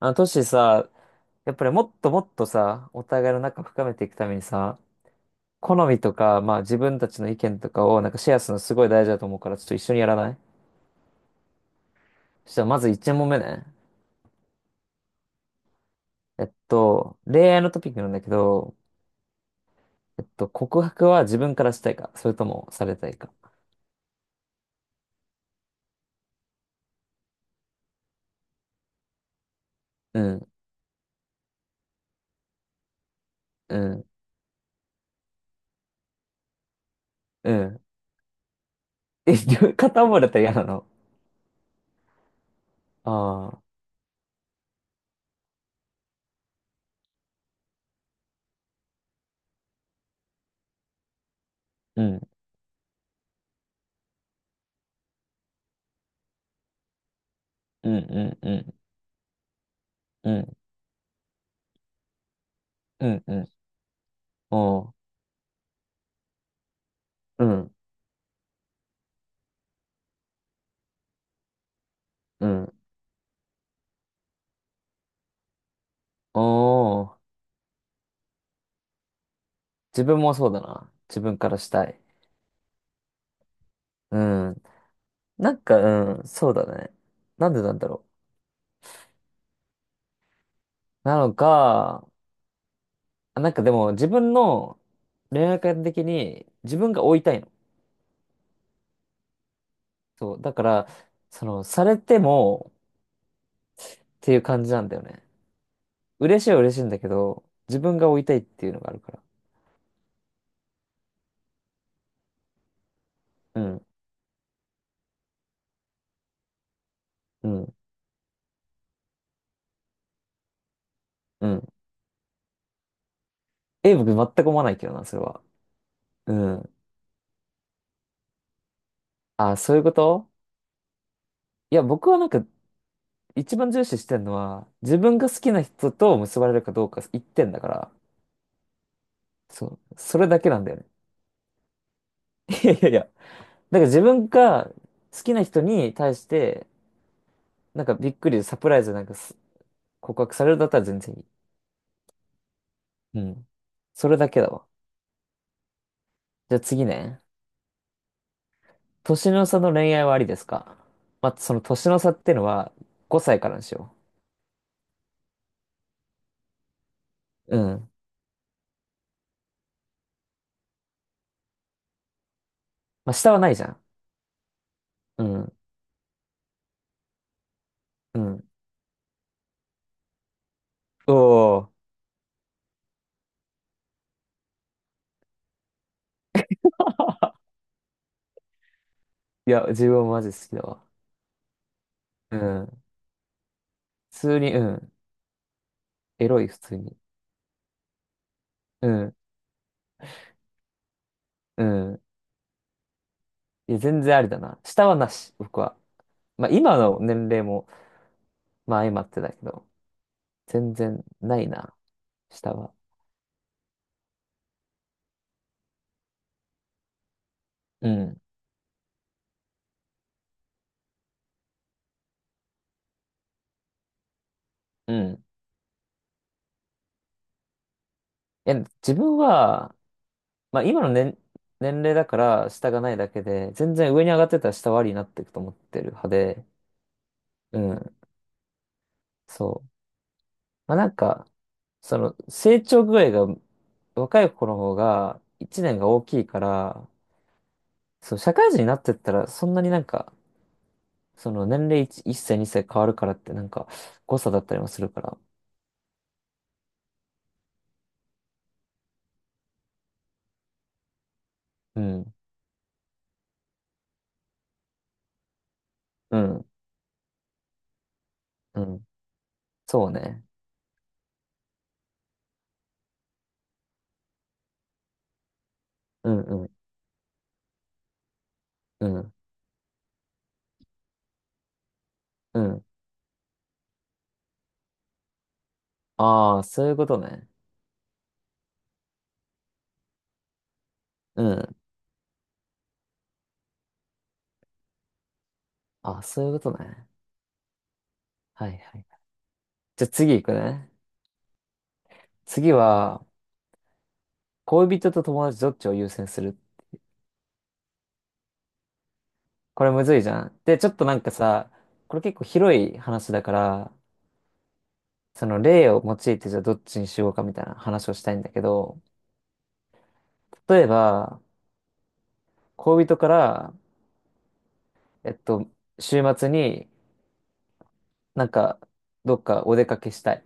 トシさ、やっぱりもっともっとさ、お互いの仲深めていくためにさ、好みとか、まあ自分たちの意見とかをなんかシェアするのすごい大事だと思うから、ちょっと一緒にやらない？そしたらまず1問目ね。恋愛のトピックなんだけど、告白は自分からしたいか、それともされたいか。うん、うん、うん。え、両片思いだったら嫌なの？ああ、うん、うん、うん、うん、うん、うん、うん。おー、うん、うん。おー、自分もそうだな。自分からしたい。うん。なんか、うん、そうだね。なんでなんだろう。なのか、あ、なんかでも自分の恋愛観的に自分が追いたいの。そう。だから、その、されてもっていう感じなんだよね。嬉しいは嬉しいんだけど、自分が追いたいっていうのがあるから。うん、うん、うん。え、僕全く思わないけどな、それは。うん。あ、そういうこと？いや、僕はなんか一番重視してるのは、自分が好きな人と結ばれるかどうか一点だから、そう。それだけなんだよね。いやいやいや、なんか自分が好きな人に対して、なんかびっくりサプライズなんかす告白されるだったら全然いい。うん。それだけだわ。じゃあ次ね。年の差の恋愛はありですか？まあ、その年の差っていうのは5歳からにしよう。うん。まあ、下はないじゃん。うん。うん。おー。いや、自分はマジ好きだわ。うん。普通に、うん。エロい、普通に。うん。うん。いや、全然ありだな。下はなし、僕は。まあ、今の年齢も、まあ、相まってだけど。全然ないな、下は。うん。うん。いや、自分は、まあ今の年齢だから下がないだけで、全然上に上がってたら下はあになっていくと思ってる派で、うん。そう。まあなんか、その成長具合が若い子の方が1年が大きいから、そう、社会人になってったらそんなになんか、その年齢 1, 歳2歳変わるからってなんか誤差だったりもするから。うん。うん。うん。そうね。うんうん。うん。うん。ああ、そういうことね。うん。あ、そういうことね。はいはい。じゃあ次行くね。次は、恋人と友達どっちを優先する？これむずいじゃん。で、ちょっとなんかさ、これ結構広い話だから、その例を用いてじゃあどっちにしようかみたいな話をしたいんだけど、例えば、恋人から、えっと、週末になんかどっかお出かけしたい。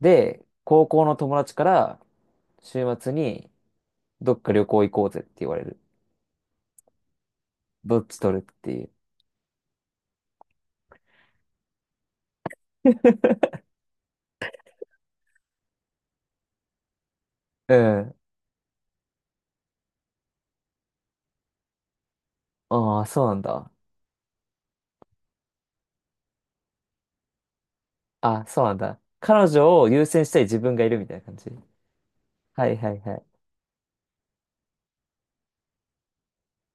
で、高校の友達から週末にどっか旅行行こうぜって言われる。どっち取るっていう。うん。ああ、そうなんだ。あ、そうなんだ。彼女を優先したい自分がいるみたいな感じ。はいはいはい。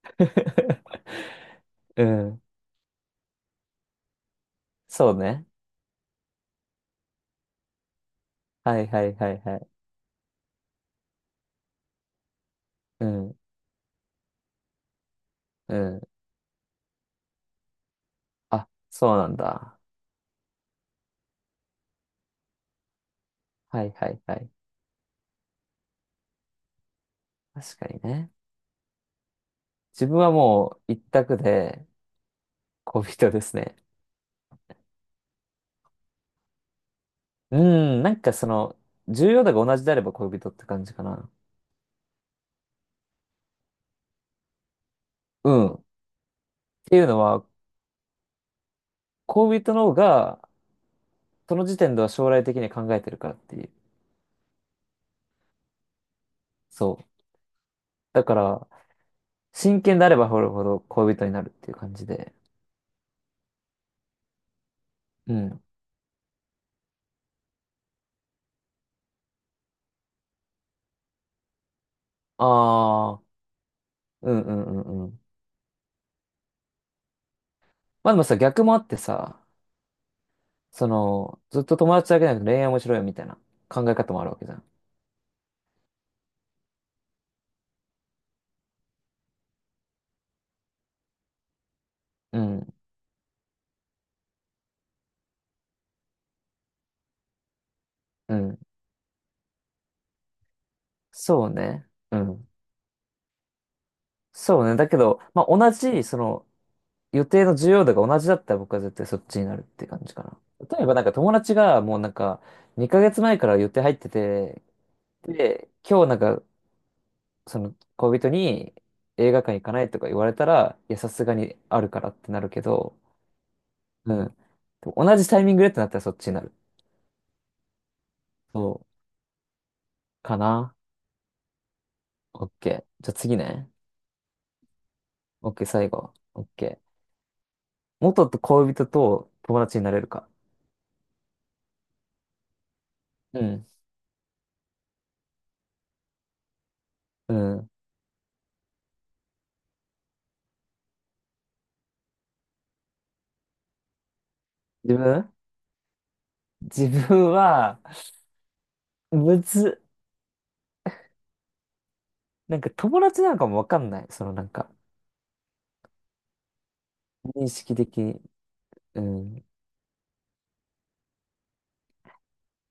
うん。そうね。はいはいはいはい。うん。うん。あ、そうなんだ。はいはいはい。確かにね。自分はもう一択で恋人ですね。うん。なんかその、重要度が同じであれば恋人って感じかな。うん。っていうのは、恋人の方が、その時点では将来的に考えてるからっていう。そう。だから、真剣であればほるほど恋人になるっていう感じで。うん。ああ、うんうんうんうん。まあでもさ、逆もあってさ、その、ずっと友達だけじゃなくて恋愛面白いよみたいな考え方もあるわけじゃん。うん、うん。そうね。うん。そうね。だけど、まあ同じ、その、予定の重要度が同じだったら僕は絶対そっちになるって感じかな。例えばなんか友達がもうなんか、2ヶ月前から予定入ってて、で、今日なんかその恋人に映画館行かないとか言われたら、いや、さすがにあるからってなるけど、うん。でも同じタイミングでってなったらそっちになる。そう。かな？ OK。じゃあ次ね。OK、最後。OK。元と恋人と友達になれるか。うん。うん。自分自分は、むずっ。なんか友達なのかもわかんない。そのなんか、認識的に。うん。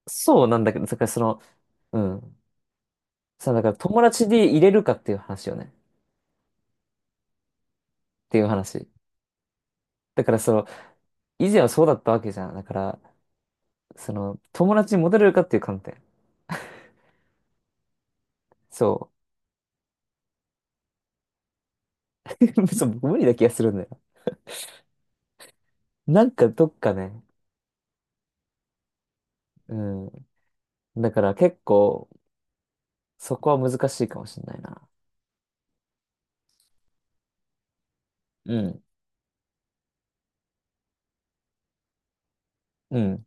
そうなんだけど、だからその、うん。そう、だから友達で入れるかっていう話よね。っていう話。だからその、以前はそうだったわけじゃん。だから、その、友達にモテれるかっていう観点。そう。そう、僕無理な気がするんだよ。なんかどっかね、うん。だから結構、そこは難しいかもしれないな。うん、うん、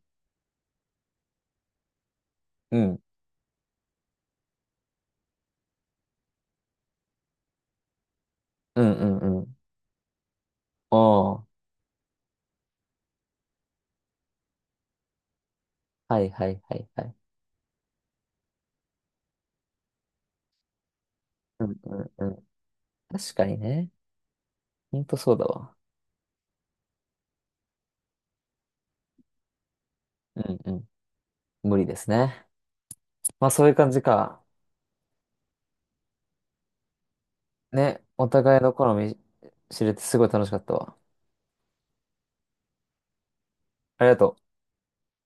うん、うん、うん、うん。おー、はいはいはいはい。うん、うん、うん。確かにね。ほんとそうだわ。うん、うん。無理ですね。まあそういう感じか。ね、お互いの好み知れてすごい楽しかったわ。ありがとう。